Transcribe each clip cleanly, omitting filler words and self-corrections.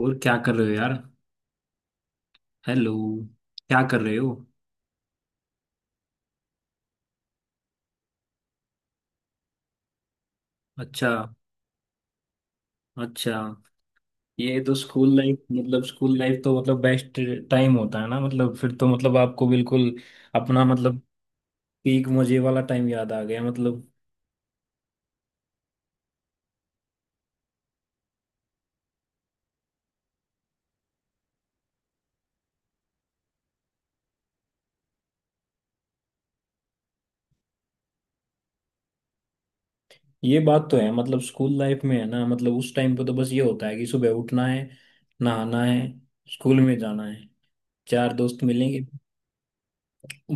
और क्या कर रहे हो यार। हेलो। क्या कर रहे हो। अच्छा। अच्छा। ये तो स्कूल लाइफ मतलब स्कूल लाइफ तो मतलब बेस्ट टाइम होता है ना, मतलब फिर तो मतलब आपको बिल्कुल अपना मतलब पीक मजे वाला टाइम याद आ गया मतलब। ये बात तो है मतलब स्कूल लाइफ में है ना, मतलब उस टाइम पे तो बस ये होता है कि सुबह उठना है, नहाना है, स्कूल में जाना है, चार दोस्त मिलेंगे,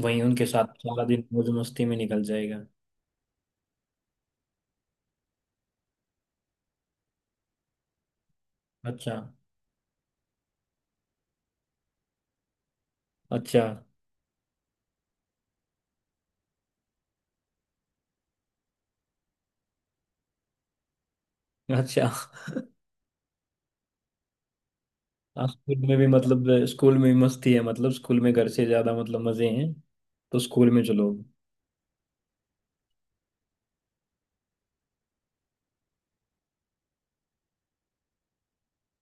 वहीं उनके साथ सारा दिन मौज मस्ती में निकल जाएगा। अच्छा। अच्छा। अच्छा। हाँ, स्कूल में भी मतलब स्कूल में भी मस्ती है, मतलब स्कूल में घर से ज्यादा मतलब मजे हैं, तो स्कूल में चलो।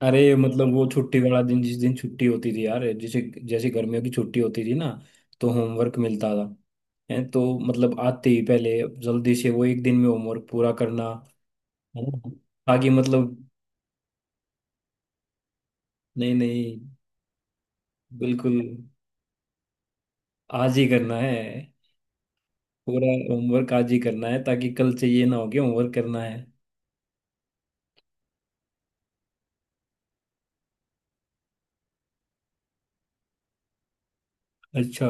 अरे मतलब वो छुट्टी वाला दिन जिस दिन छुट्टी होती थी यार, जैसे जैसे गर्मियों की छुट्टी होती थी ना, तो होमवर्क मिलता था है तो, मतलब आते ही पहले जल्दी से वो एक दिन में होमवर्क पूरा करना, है ना? ताकि मतलब नहीं नहीं बिल्कुल आज ही करना है, पूरा होमवर्क आज ही करना है, ताकि कल से ये ना हो कि होमवर्क करना है। अच्छा।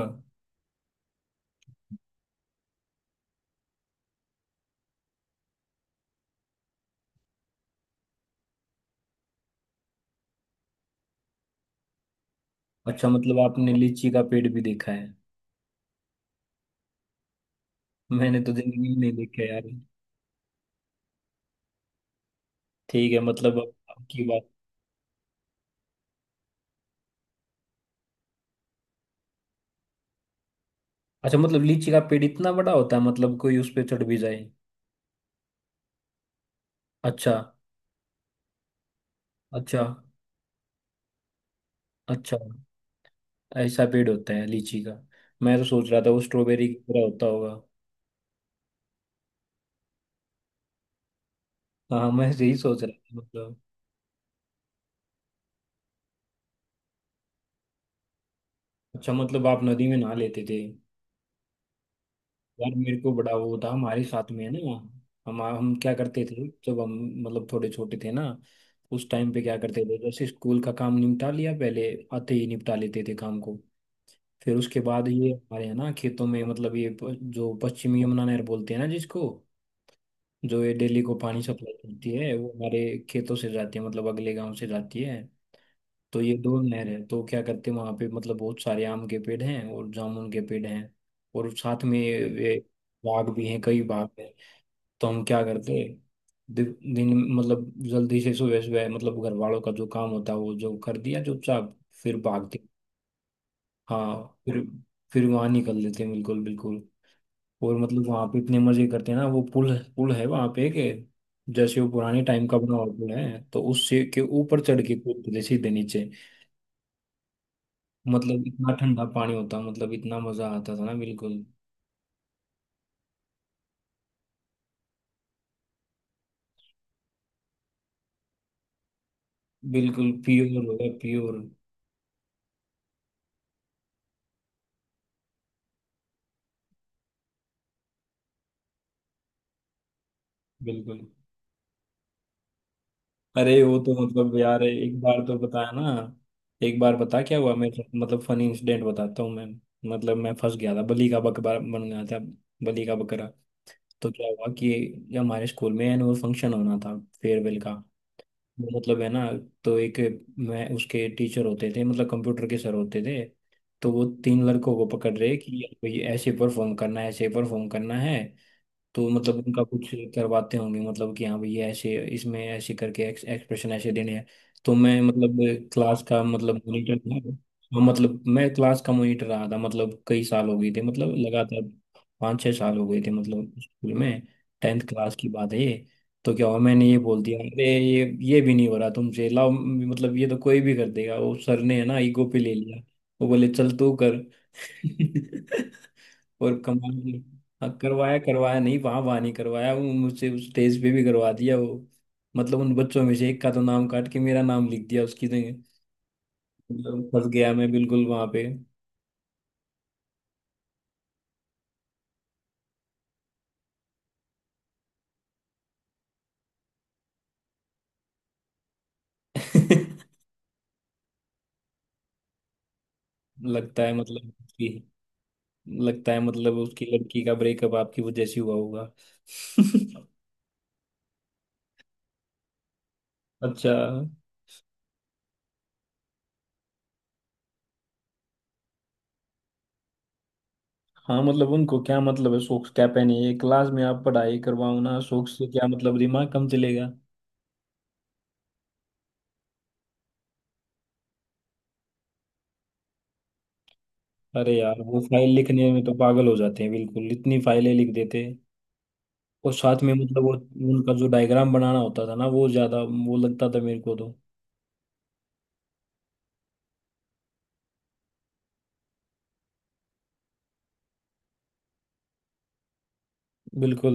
अच्छा मतलब आपने लीची का पेड़ भी देखा है। मैंने तो जिंदगी में नहीं देखा यार। ठीक है मतलब अब आपकी बात। अच्छा मतलब लीची का पेड़ इतना बड़ा होता है मतलब कोई उस पे चढ़ भी जाए। अच्छा। अच्छा। अच्छा ऐसा पेड़ होता है लीची का। मैं तो सोच रहा था वो स्ट्रॉबेरी की तरह होता होगा। हाँ मैं यही सोच रहा था मतलब। अच्छा मतलब आप नदी में नहा लेते थे। यार मेरे को बड़ा वो था हमारे साथ में है ना, हम क्या करते थे जब हम मतलब थोड़े छोटे थे ना, उस टाइम पे क्या करते थे, जैसे स्कूल का काम निपटा लिया पहले, आते ही निपटा लेते थे काम को। फिर उसके बाद ये हमारे यहाँ ना खेतों में मतलब ये जो पश्चिमी यमुना नहर बोलते हैं ना जिसको, जो ये डेली को पानी सप्लाई करती है, वो हमारे खेतों से जाती है, मतलब अगले गांव से जाती है। तो ये दो नहर है, तो क्या करते हैं वहाँ पे, मतलब बहुत सारे आम के पेड़ हैं और जामुन के पेड़ हैं, और साथ में ये बाग भी हैं, कई बाग हैं। तो हम क्या करते दि, दिन मतलब जल्दी से सुबह सुबह मतलब घर वालों का जो काम होता है वो जो कर दिया चुपचाप, फिर भागते, हाँ, फिर फिर वहां निकल लेते हैं बिल्कुल बिल्कुल। और मतलब वहां पे इतने मजे करते हैं ना, वो पुल पुल है वहां पे के, जैसे वो पुराने टाइम का बना हुआ पुल है, तो उससे के ऊपर चढ़ के कूदते थे सीधे नीचे। मतलब इतना ठंडा पानी होता मतलब इतना मजा आता था ना बिल्कुल। बिल्कुल प्योर होगा प्योर। बिल्कुल। अरे वो तो मतलब यार एक बार तो बताया ना। एक बार बता क्या हुआ मेरे साथ, मतलब फनी इंसिडेंट बताता हूँ मैं। मतलब मैं फंस गया था बलि का बकरा बन गया था, बलि का बकरा। तो क्या हुआ कि ये हमारे स्कूल में एनुअल फंक्शन होना था, फेयरवेल का, वो मतलब है ना। तो एक, मैं उसके टीचर होते थे मतलब कंप्यूटर के सर होते थे, तो वो 3 लड़कों को पकड़ रहे कि भाई ऐसे परफॉर्म करना है ऐसे परफॉर्म करना है। तो मतलब उनका कुछ करवाते होंगे मतलब कि हाँ भैया ऐसे इसमें ऐसे करके एक्सप्रेशन ऐसे देने हैं। तो मैं मतलब क्लास का मतलब मॉनिटर था। हाँ, मतलब मैं क्लास का मॉनिटर रहा था, मतलब कई साल हो गए थे मतलब लगातार 5-6 साल हो गए थे मतलब स्कूल में। टेंथ क्लास की बात है ये। तो क्या हुआ मैंने ये बोल दिया अरे ये भी नहीं हो रहा तुमसे, लाओ मतलब ये तो कोई भी कर देगा। वो सर ने है ना ईगो पे ले लिया। वो बोले चल तू कर। और कमाल। हाँ, करवाया, करवाया नहीं वहां, वहां नहीं करवाया, वो मुझसे उस स्टेज पे भी करवा दिया वो। मतलब उन बच्चों में से एक का तो नाम काट के मेरा नाम लिख दिया उसकी जगह। मतलब फंस गया मैं बिल्कुल वहां पे। लगता है मतलब कि लगता है मतलब उसकी लड़की का ब्रेकअप आपकी वजह से हुआ होगा। अच्छा। हाँ मतलब उनको क्या मतलब है, शौक क्या पहने, ये क्लास में आप पढ़ाई करवाओ ना, शौक से क्या मतलब, दिमाग कम चलेगा। अरे यार वो फाइल लिखने में तो पागल हो जाते हैं, बिल्कुल इतनी फाइलें लिख देते हैं। और साथ में मतलब वो उनका जो डायग्राम बनाना होता था ना, वो ज्यादा वो लगता था मेरे को तो। बिल्कुल।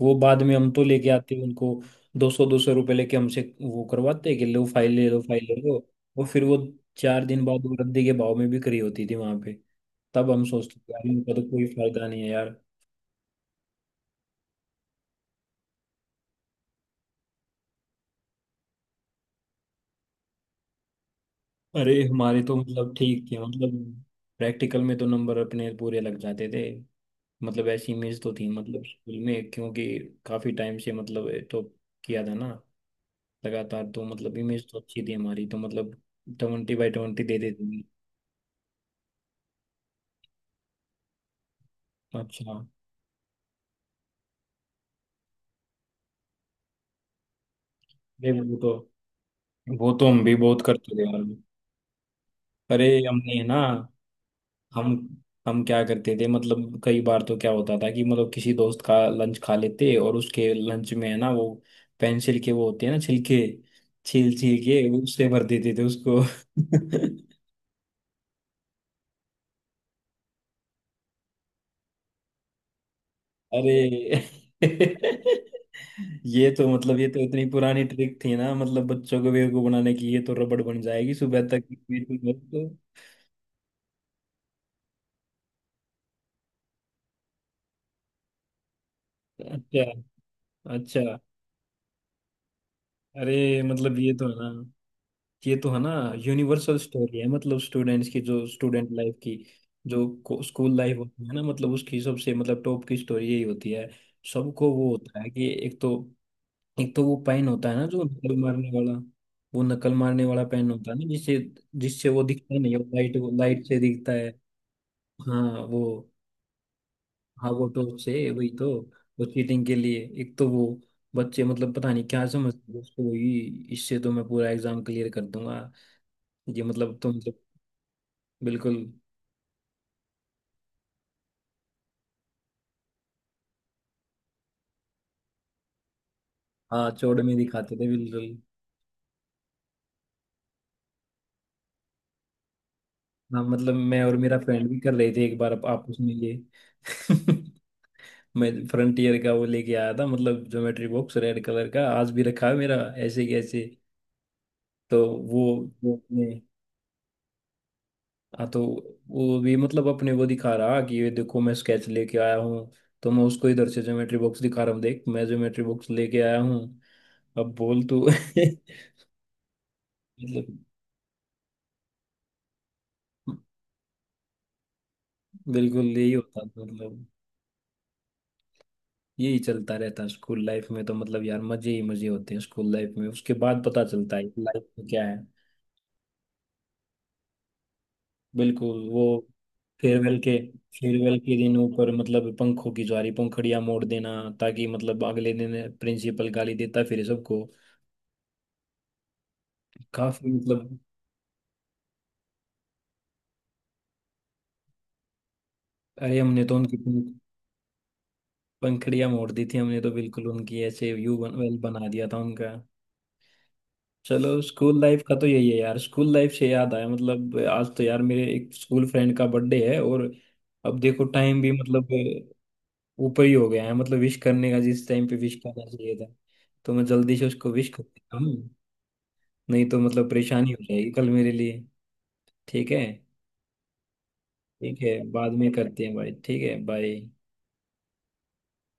वो बाद में हम तो लेके आते उनको, दो सौ रुपये लेके हमसे वो करवाते कि लो फाइल ले लो फाइल ले लो। और फिर वो 4 दिन बाद वो रद्दी के भाव में बिक्री होती थी वहां पे। तब हम सोचते थे, यार इनका तो कोई फायदा नहीं है यार। अरे हमारे तो मतलब ठीक थे मतलब, प्रैक्टिकल में तो नंबर अपने पूरे लग जाते थे, मतलब ऐसी इमेज तो थी मतलब स्कूल में, क्योंकि काफी टाइम से मतलब ये तो किया था ना लगातार, तो मतलब इमेज तो अच्छी थी हमारी तो मतलब, 20/20 दे देते थे। अच्छा। अरे वो तो, वो तो हम भी बहुत करते थे यार। अरे हमने है ना, हम हम क्या करते थे मतलब कई बार तो क्या होता था कि मतलब किसी दोस्त का लंच खा लेते और उसके लंच में है ना वो पेंसिल के वो होते हैं ना छिलके, छील छील के उससे भर देते थे उसको। अरे ये तो मतलब ये तो इतनी पुरानी ट्रिक थी ना मतलब बच्चों को बेवकूफ बनाने की, ये तो रबड़ बन जाएगी सुबह तक तो। अच्छा। अच्छा अरे मतलब ये तो है ना यूनिवर्सल स्टोरी है, मतलब स्टूडेंट्स की, जो स्टूडेंट लाइफ की, जो स्कूल लाइफ होती है ना, मतलब उसकी सबसे मतलब टॉप की स्टोरी यही होती है। सबको वो होता है कि एक तो वो पेन होता है ना जो नकल मारने वाला, वो नकल मारने वाला पेन होता है ना, जिससे, जिससे वो दिखता नहीं है, लाइट लाइट से दिखता है। हाँ वो, हाँ वो टॉर्च से वही तो, वो चीटिंग के लिए एक तो वो बच्चे मतलब पता नहीं क्या समझते हैं उसको वही, इससे तो मैं पूरा एग्जाम क्लियर कर दूंगा। ये मतलब तो मतलब बिल्कुल। हाँ चौड़ में दिखाते थे बिल्कुल। हाँ मतलब मैं और मेरा फ्रेंड भी कर रहे थे एक बार आपस में ये। मैं फ्रंटियर का वो लेके आया था, मतलब ज्योमेट्री बॉक्स रेड कलर का आज भी रखा है मेरा। ऐसे कैसे, तो वो वो अपने, हाँ तो वो भी मतलब अपने वो दिखा रहा कि ये देखो मैं स्केच लेके आया हूँ, तो मैं उसको इधर से ज्योमेट्री बॉक्स दिखा रहा हूँ देख मैं ज्योमेट्री बॉक्स लेके आया हूँ, अब बोल तू। मतलब बिल्कुल यही होता था, मतलब यही चलता रहता स्कूल लाइफ में, तो मतलब यार मजे ही मजे होते हैं स्कूल लाइफ में, उसके बाद पता चलता है लाइफ में क्या है। बिल्कुल वो फेयरवेल के, फेयरवेल के दिन ऊपर मतलब पंखों की ज्वारी पंखड़ियां मोड़ देना, ताकि मतलब अगले दिन प्रिंसिपल गाली देता फिर सबको। काफी मतलब, अरे हमने तो उनकी पंखड़ियां मोड़ दी थी हमने तो, बिल्कुल उनकी ऐसे वेल बना दिया था उनका। चलो स्कूल लाइफ का तो यही है यार। स्कूल लाइफ से याद आया, मतलब आज तो यार मेरे एक स्कूल फ्रेंड का बर्थडे है, और अब देखो टाइम भी मतलब ऊपर ही हो गया है मतलब विश करने का, जिस टाइम पे विश करना चाहिए था, तो मैं जल्दी से उसको विश कर देता हूँ। नहीं तो मतलब परेशानी हो जाएगी कल मेरे लिए। ठीक है। ठीक है, बाद में करते हैं भाई, ठीक है बाय।